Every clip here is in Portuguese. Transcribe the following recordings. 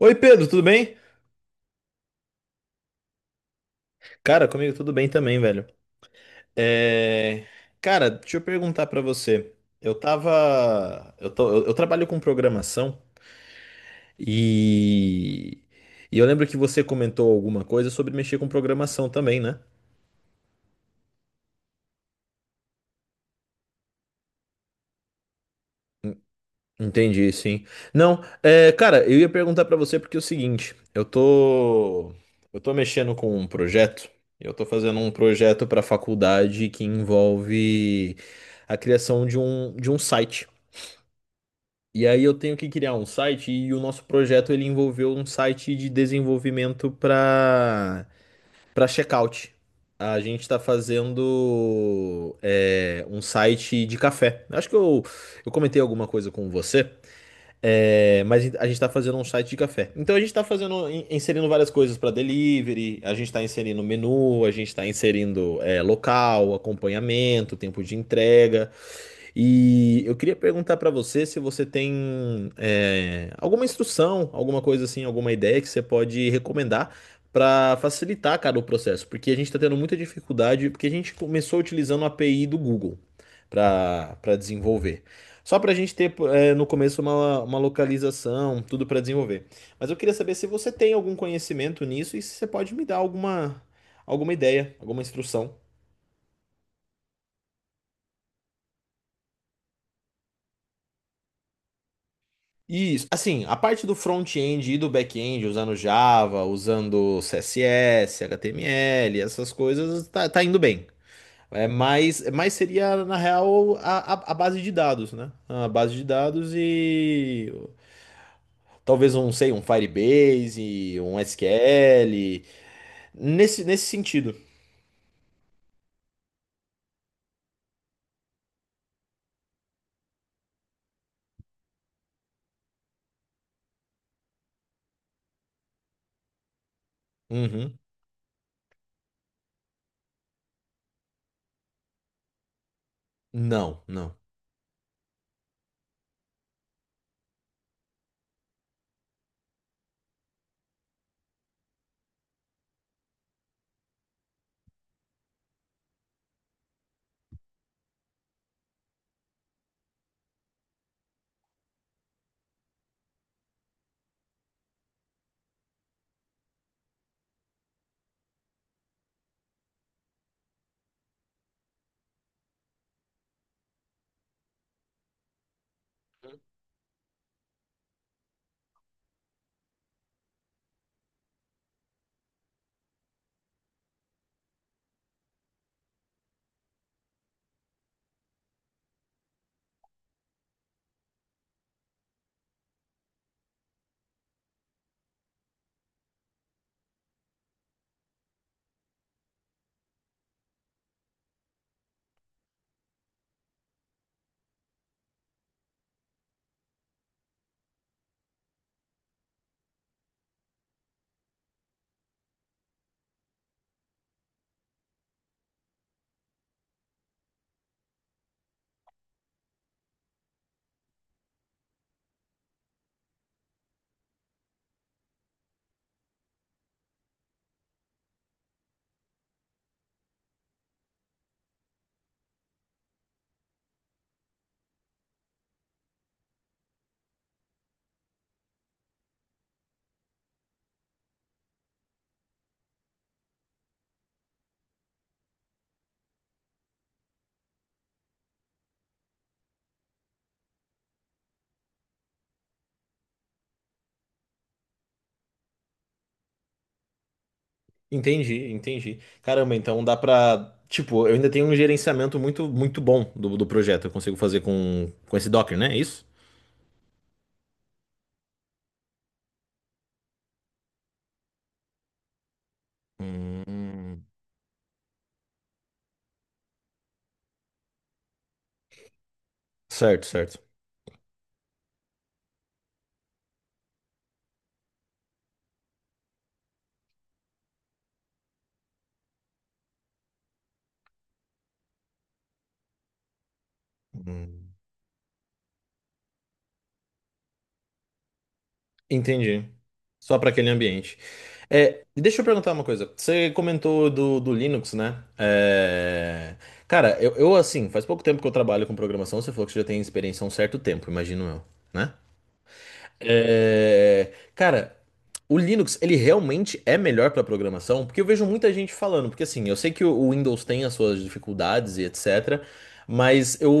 Oi, Pedro, tudo bem? Cara, comigo tudo bem também, velho. É... Cara, deixa eu perguntar pra você. Eu tava. Eu trabalho com programação e... e eu lembro que você comentou alguma coisa sobre mexer com programação também, né? Entendi, sim. Não, é, cara, eu ia perguntar pra você porque é o seguinte, Eu tô mexendo com um projeto. Eu tô fazendo um projeto pra faculdade que envolve a criação de um site. E aí eu tenho que criar um site e o nosso projeto ele envolveu um site de desenvolvimento para checkout. A gente está fazendo um site de café. Acho que eu comentei alguma coisa com você, mas a gente está fazendo um site de café. Então a gente está fazendo inserindo várias coisas para delivery. A gente está inserindo menu, a gente está inserindo local, acompanhamento, tempo de entrega. E eu queria perguntar para você se você tem alguma instrução, alguma coisa assim, alguma ideia que você pode recomendar para facilitar, cara, o processo, porque a gente está tendo muita dificuldade, porque a gente começou utilizando a API do Google para desenvolver. Só para a gente ter no começo uma localização, tudo para desenvolver. Mas eu queria saber se você tem algum conhecimento nisso e se você pode me dar alguma ideia, alguma instrução. Isso, assim, a parte do front-end e do back-end, usando Java, usando CSS, HTML, essas coisas, tá indo bem. É, mas seria, na real, a base de dados, né? A base de dados e talvez um, sei, um Firebase, um SQL, nesse sentido. Uhum. Não, não. Entendi, entendi. Caramba, então dá pra. Tipo, eu ainda tenho um gerenciamento muito bom do projeto. Eu consigo fazer com esse Docker, né? É isso? Hum, certo, hum. Entendi. Só para aquele ambiente. É, deixa eu perguntar uma coisa. Você comentou do Linux, né? É, cara, assim, faz pouco tempo que eu trabalho com programação. Você falou que você já tem experiência há um certo tempo, imagino eu, né? É, cara, o Linux, ele realmente é melhor para programação? Porque eu vejo muita gente falando, porque assim, eu sei que o Windows tem as suas dificuldades e etc, mas eu,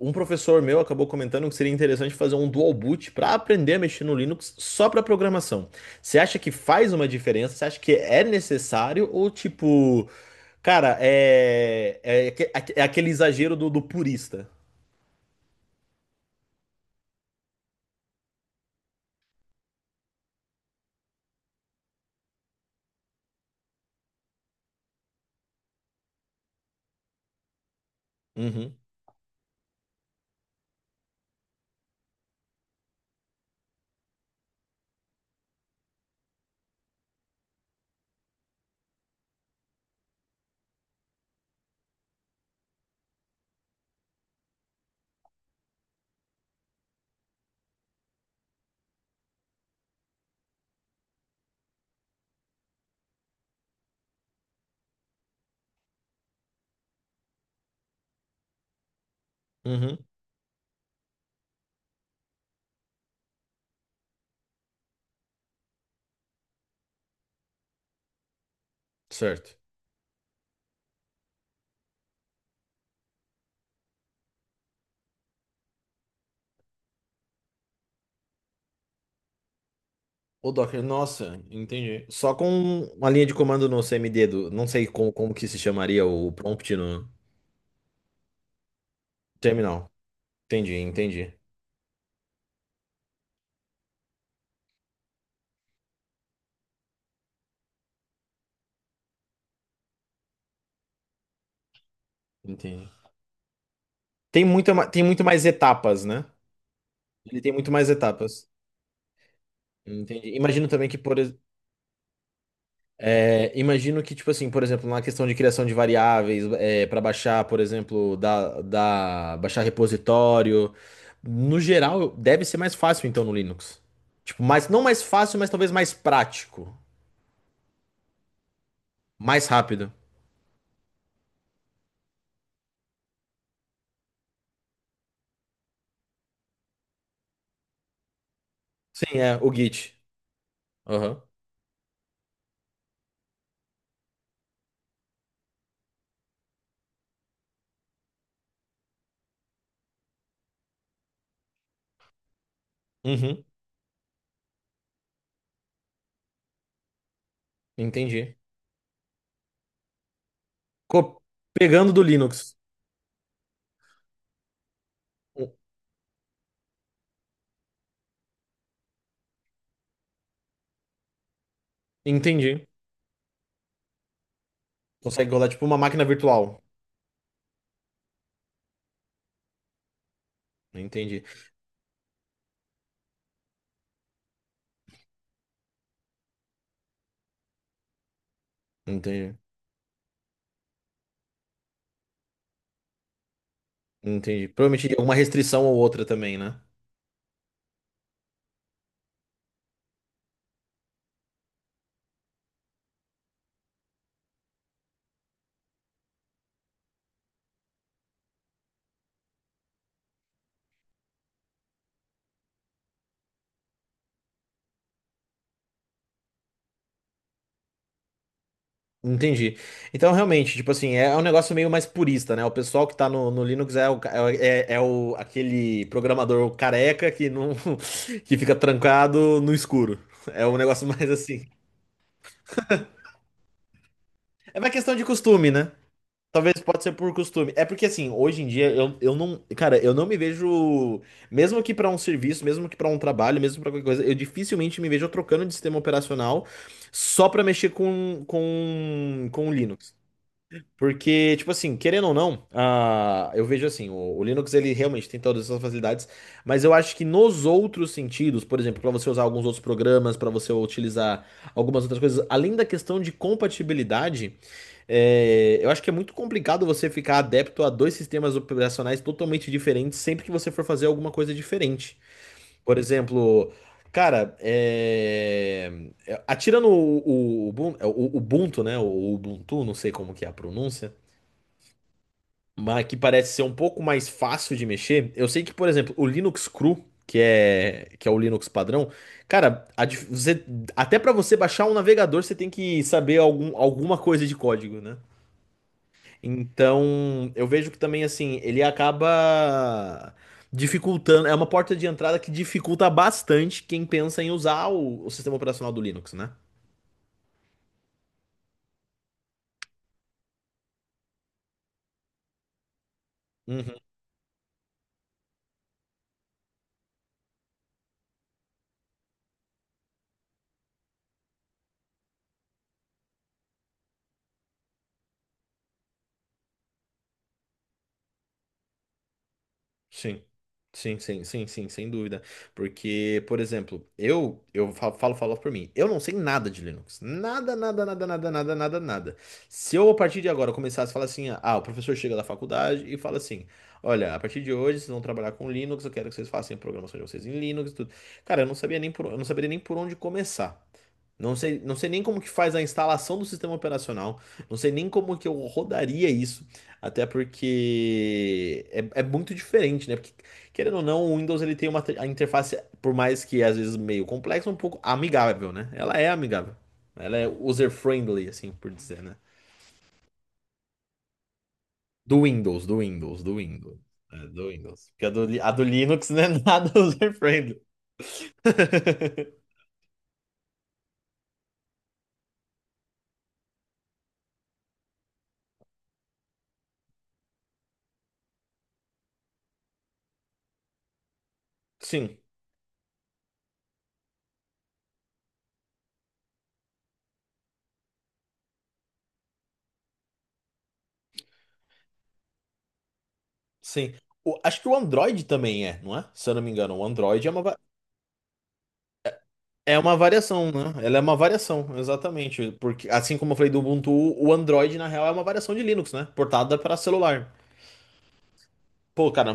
um professor meu acabou comentando que seria interessante fazer um dual boot para aprender a mexer no Linux só para programação. Você acha que faz uma diferença? Você acha que é necessário ou tipo, cara, é aquele exagero do purista? Uhum, uhum, certo. O Docker, nossa, entendi. Só com uma linha de comando no CMD do, não sei como, como que se chamaria o prompt no terminal. Entendi, entendi, entendi. Tem muito mais etapas, né? Ele tem muito mais etapas. Entendi. Imagino que tipo assim, por exemplo, na questão de criação de variáveis, é, para baixar, por exemplo, da, da baixar repositório, no geral deve ser mais fácil então no Linux. Tipo, mais, não mais fácil, mas talvez mais prático, mais rápido. Sim, é, o Git. Aham. Uhum. Entendi. Co- pegando do Linux. O- Entendi. Consegue rodar tipo uma máquina virtual. Entendi. Entendi. Entendi. Provavelmente alguma restrição ou outra também, né? Entendi. Então, realmente, tipo assim, é um negócio meio mais purista, né? O pessoal que tá no, no Linux é, o, ca- é, é é o, aquele programador careca que não, que fica trancado no escuro. É um negócio mais assim. É uma questão de costume, né? Talvez pode ser por costume. É porque assim, hoje em dia eu não, cara, eu não me vejo, mesmo que pra um serviço, mesmo que pra um trabalho, mesmo pra qualquer coisa, eu dificilmente me vejo trocando de sistema operacional só pra mexer com o Linux. Porque, tipo assim, querendo ou não, ah, eu vejo assim, o Linux ele realmente tem todas essas facilidades, mas eu acho que nos outros sentidos, por exemplo, para você usar alguns outros programas, para você utilizar algumas outras coisas, além da questão de compatibilidade, é, eu acho que é muito complicado você ficar adepto a dois sistemas operacionais totalmente diferentes sempre que você for fazer alguma coisa diferente. Por exemplo, cara, é, é, atira no o, Ubun- é, o Ubuntu, né? O Ubuntu, não sei como que é a pronúncia, mas que parece ser um pouco mais fácil de mexer. Eu sei que, por exemplo, o Linux Cru, que é o Linux padrão, cara, até para você baixar um navegador, você tem que saber algum, alguma coisa de código, né? Então, eu vejo que também, assim, ele acaba dificultando, é uma porta de entrada que dificulta bastante quem pensa em usar o sistema operacional do Linux, né? Uhum. Sim. Sim, sim, sim, sim, sem dúvida. Porque, por exemplo, falo, falo por mim. Eu não sei nada de Linux. Nada, nada, nada, nada, nada, nada, nada. Se eu, a partir de agora, começasse a falar assim, ah, o professor chega da faculdade e fala assim: olha, a partir de hoje vocês vão trabalhar com Linux, eu quero que vocês façam a programação de vocês em Linux e tudo. Cara, eu não saberia nem por onde começar. Não sei, não sei nem como que faz a instalação do sistema operacional. Não sei nem como que eu rodaria isso. Até porque é muito diferente, né? Porque, querendo ou não, o Windows ele tem uma a interface, por mais que às vezes meio complexa, um pouco amigável, né? Ela é amigável. Ela é user-friendly, assim por dizer, né? Do Windows. É, do Windows. Porque a do Linux não é nada user-friendly. Sim, sim. Acho que o Android também é, não é? Se eu não me engano, o Android é uma. Va- é uma variação, né? Ela é uma variação, exatamente. Porque, assim como eu falei do Ubuntu, o Android, na real, é uma variação de Linux, né? Portada para celular. Pô, cara,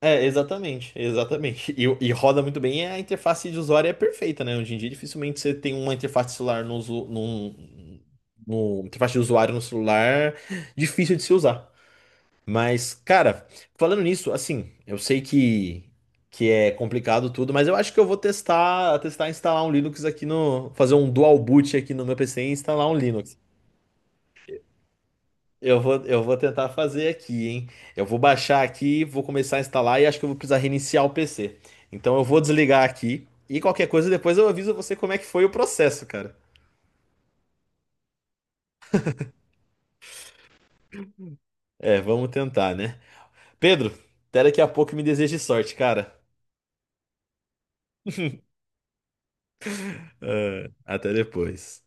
é, exatamente, exatamente. E roda muito bem, e a interface de usuário é perfeita, né? Hoje em dia, dificilmente você tem uma interface de celular no, usu- num- no, interface de usuário no celular difícil de se usar. Mas, cara, falando nisso, assim, eu sei que é complicado tudo, mas eu acho que eu vou testar, testar instalar um Linux aqui no, fazer um dual boot aqui no meu PC e instalar um Linux. Eu vou tentar fazer aqui, hein? Eu vou baixar aqui, vou começar a instalar e acho que eu vou precisar reiniciar o PC. Então eu vou desligar aqui e qualquer coisa depois eu aviso você como é que foi o processo, cara. É, vamos tentar, né? Pedro, até daqui a pouco e me deseje sorte, cara. Ah, até depois.